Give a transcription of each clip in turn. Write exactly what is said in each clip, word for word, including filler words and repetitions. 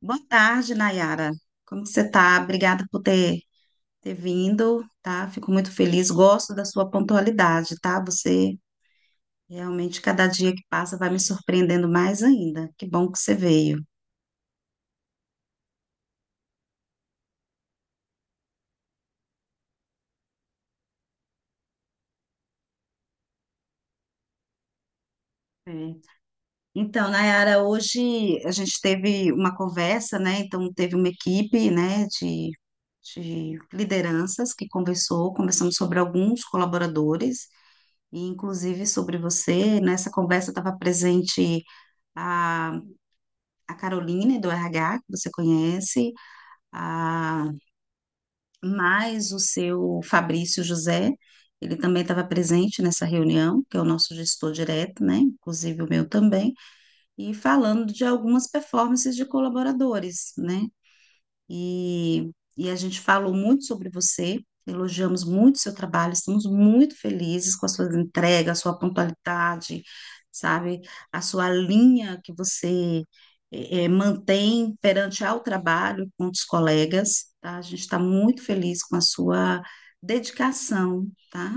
Boa tarde, Nayara. Como que você está? Obrigada por ter, ter vindo, tá? Fico muito feliz. Gosto da sua pontualidade, tá? Você realmente, cada dia que passa, vai me surpreendendo mais ainda. Que bom que você veio. É. Então, Nayara, hoje a gente teve uma conversa, né? Então, teve uma equipe, né, de, de lideranças que conversou, conversamos sobre alguns colaboradores, e inclusive sobre você. Nessa conversa estava presente a Caroline do R H, que você conhece, a, mais o seu Fabrício José, ele também estava presente nessa reunião, que é o nosso gestor direto, né? Inclusive o meu também, e falando de algumas performances de colaboradores, né? e, e a gente falou muito sobre você, elogiamos muito seu trabalho, estamos muito felizes com a sua entrega, a sua pontualidade, sabe, a sua linha que você eh, eh, mantém perante ao trabalho com os colegas, tá? A gente está muito feliz com a sua dedicação, tá?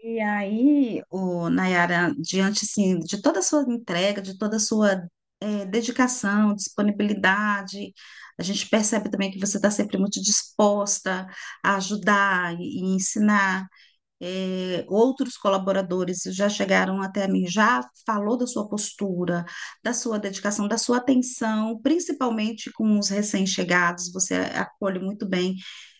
E aí, o Nayara, diante assim, de toda a sua entrega, de toda a sua eh, dedicação, disponibilidade, a gente percebe também que você está sempre muito disposta a ajudar e, e ensinar é, outros colaboradores já chegaram até mim, já falou da sua postura, da sua dedicação, da sua atenção, principalmente com os recém-chegados, você acolhe muito bem.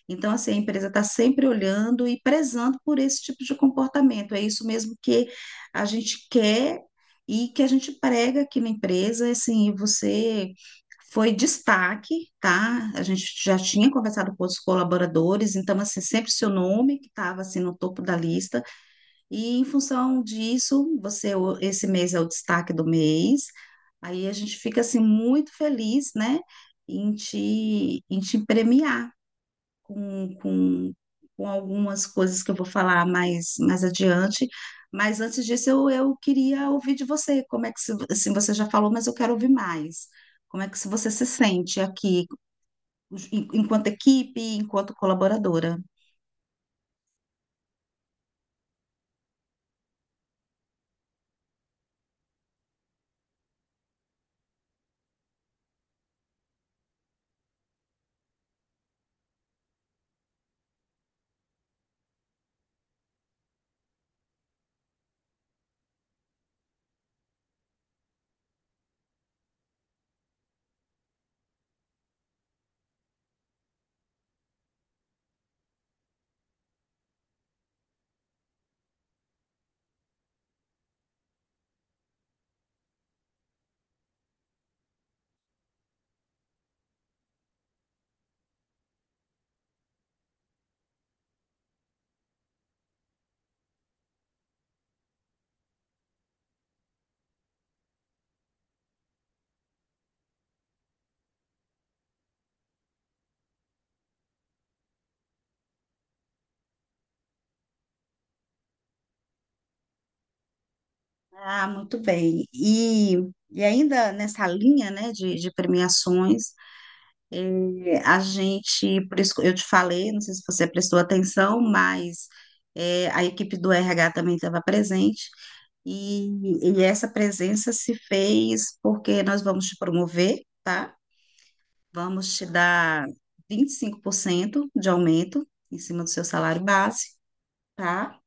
Então, assim, a empresa está sempre olhando e prezando por esse tipo de comportamento. É isso mesmo que a gente quer e que a gente prega aqui na empresa. Assim, você foi destaque, tá? A gente já tinha conversado com os colaboradores, então, assim, sempre seu nome que estava, assim, no topo da lista. E, em função disso, você, o- esse mês é o destaque do mês. Aí a gente fica, assim, muito feliz, né? Em te, em te premiar com, com, com algumas coisas que eu vou falar mais, mais adiante. Mas antes disso, eu, eu queria ouvir de você. Como é que, se- Assim, você já falou, mas eu quero ouvir mais. Como é que se você se sente aqui, en- enquanto equipe, enquanto colaboradora? Ah, muito bem. E, e ainda nessa linha, né, de, de premiações, é, a gente, por isso que eu te falei, não sei se você prestou atenção, mas é, a equipe do R H também estava presente, e, e essa presença se fez porque nós vamos te promover, tá? Vamos te dar vinte e cinco por cento de aumento em cima do seu salário base, tá?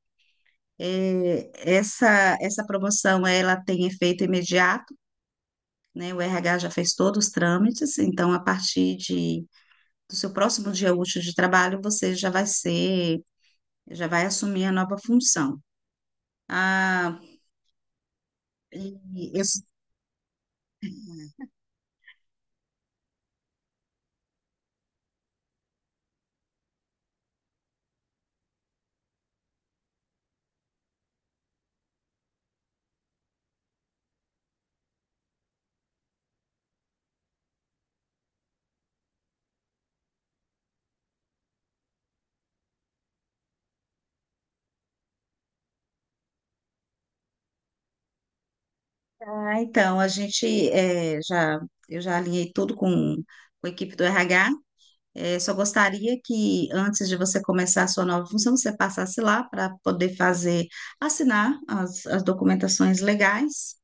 É, essa, essa promoção, ela tem efeito imediato, né? O R H já fez todos os trâmites, então a partir de do seu próximo dia útil de trabalho, você já vai ser, já vai assumir a nova função. Ah, e eu, ah, então, a gente eh, já, eu já alinhei tudo com, com a equipe do R H. Eh, só gostaria que antes de você começar a sua nova função, você passasse lá para poder fazer, assinar as, as documentações legais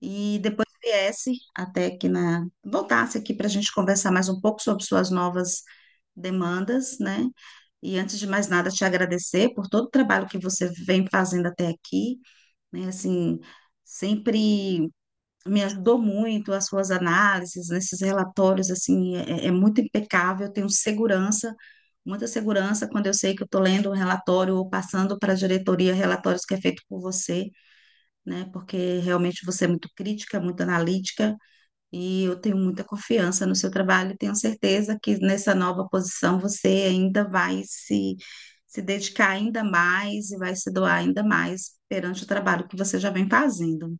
e depois viesse até aqui na, voltasse aqui para a gente conversar mais um pouco sobre suas novas demandas, né? E antes de mais nada, te agradecer por todo o trabalho que você vem fazendo até aqui, né? Assim, sempre me ajudou muito as suas análises, nesses relatórios, assim, é, é é muito impecável, eu tenho segurança, muita segurança quando eu sei que eu estou lendo um relatório ou passando para a diretoria relatórios que é feito por você, né? Porque realmente você é muito crítica, muito analítica e eu tenho muita confiança no seu trabalho e tenho certeza que nessa nova posição você ainda vai se, se dedicar ainda mais e vai se doar ainda mais perante o trabalho que você já vem fazendo.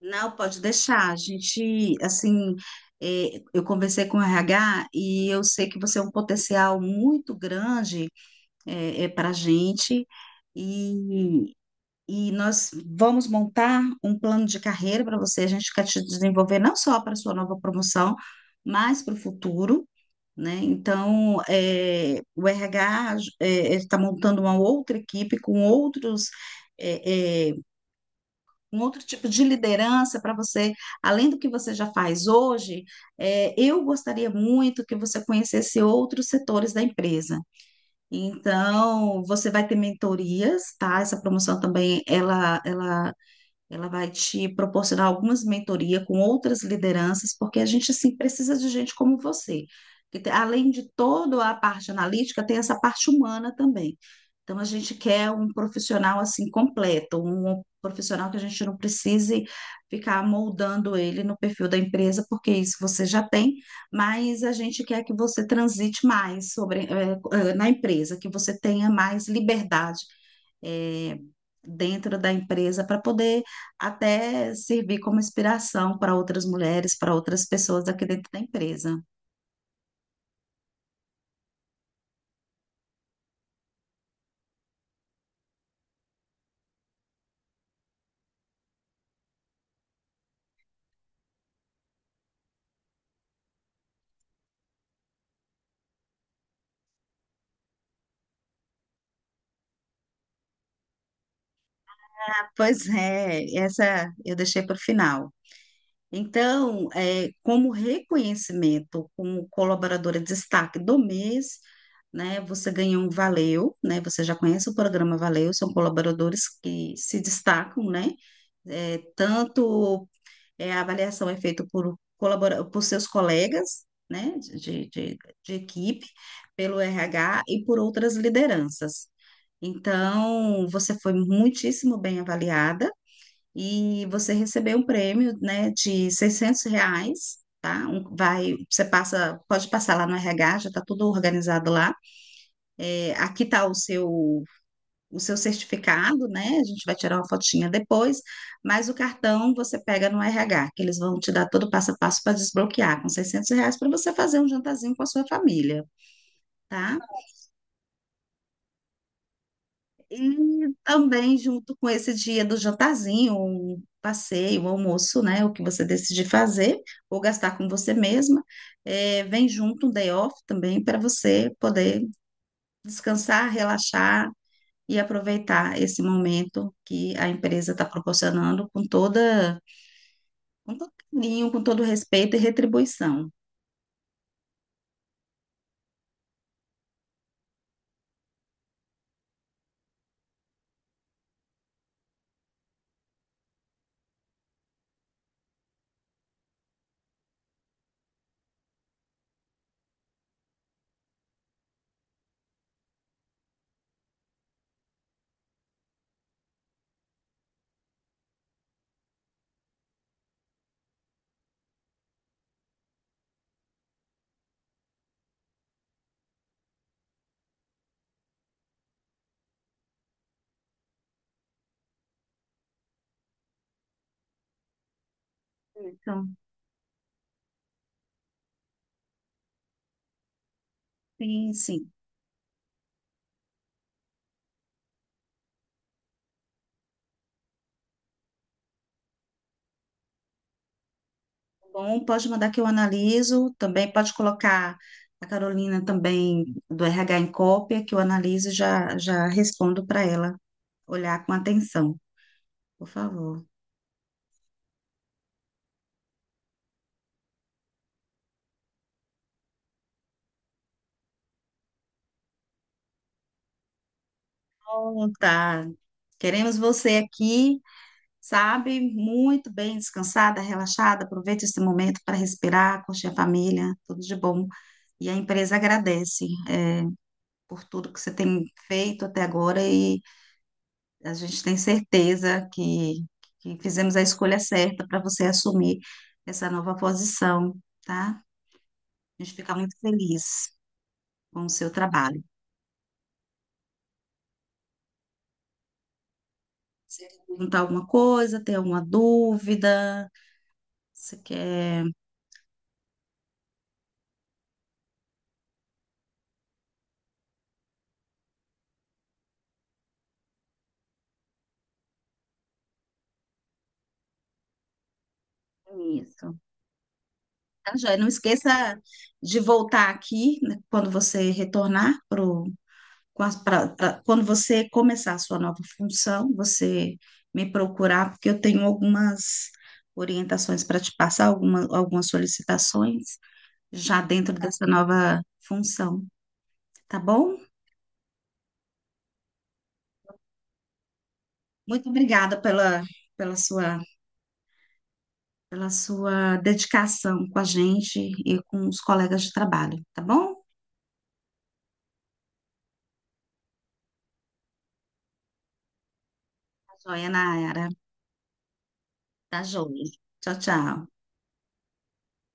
Não, pode deixar. A gente, assim, eh, eu conversei com o R H e eu sei que você é um potencial muito grande para a gente. E E nós vamos montar um plano de carreira para você. A gente quer te desenvolver não só para sua nova promoção, mas para o futuro, né? Então, eh, o R H está montando uma outra equipe com outros, eh, eh, um outro tipo de liderança para você, além do que você já faz hoje. Eh, eu gostaria muito que você conhecesse outros setores da empresa. Então, você vai ter mentorias, tá? Essa promoção também, ela, ela ela vai te proporcionar algumas mentorias com outras lideranças, porque a gente, assim, precisa de gente como você. Que te- além de toda a parte analítica, tem essa parte humana também. Então, a gente quer um profissional, assim, completo, um profissional que a gente não precise ficar moldando ele no perfil da empresa, porque isso você já tem, mas a gente quer que você transite mais sobre, eh, eh, na empresa, que você tenha mais liberdade é, dentro da empresa para poder até servir como inspiração para outras mulheres, para outras pessoas aqui dentro da empresa. Pois é, essa eu deixei para o final. Então, é, como reconhecimento como colaboradora de destaque do mês, né, você ganhou um Valeu, né, você já conhece o programa Valeu, são colaboradores que se destacam, né, é, tanto É, a avaliação é feita por, colabora por seus colegas, né, de, de, de equipe, pelo R H e por outras lideranças. Então, você foi muitíssimo bem avaliada e você recebeu um prêmio, né, de seiscentos reais, tá? Um- vai, você passa, pode passar lá no R H, já está tudo organizado lá. É, aqui está o seu o seu certificado, né? A gente vai tirar uma fotinha depois, mas o cartão você pega no R H, que eles vão te dar todo o passo a passo para desbloquear, com seiscentos reais para você fazer um jantarzinho com a sua família, tá? E também junto com esse dia do jantarzinho, um passeio, um almoço, né? O que você decidir fazer ou gastar com você mesma, eh, vem junto um day off também para você poder descansar, relaxar e aproveitar esse momento que a empresa está proporcionando com toda, com todo carinho, com todo respeito e retribuição. Então, sim, sim. Bom, pode mandar que eu analiso. Também pode colocar a Carolina também do R H em cópia, que eu analiso e já, já respondo para ela olhar com atenção, por favor. Bom, tá. Queremos você aqui, sabe? Muito bem, descansada, relaxada. Aproveite esse momento para respirar, curtir a família, tudo de bom. E a empresa agradece, é, por tudo que você tem feito até agora e a gente tem certeza que, que fizemos a escolha certa para você assumir essa nova posição, tá? A gente fica muito feliz com o seu trabalho. Você quer perguntar alguma coisa, tem alguma dúvida? Você quer isso? Tá, joia? Não esqueça de voltar aqui, né, quando você retornar pro, com as- pra- pra- quando você começar a sua nova função, você me procurar, porque eu tenho algumas orientações para te passar, alguma, algumas solicitações já dentro dessa nova função, tá bom? Muito obrigada pela, pela sua, pela sua dedicação com a gente e com os colegas de trabalho, tá bom? Tá joia, Nayara. Tá joia. Tchau, tchau.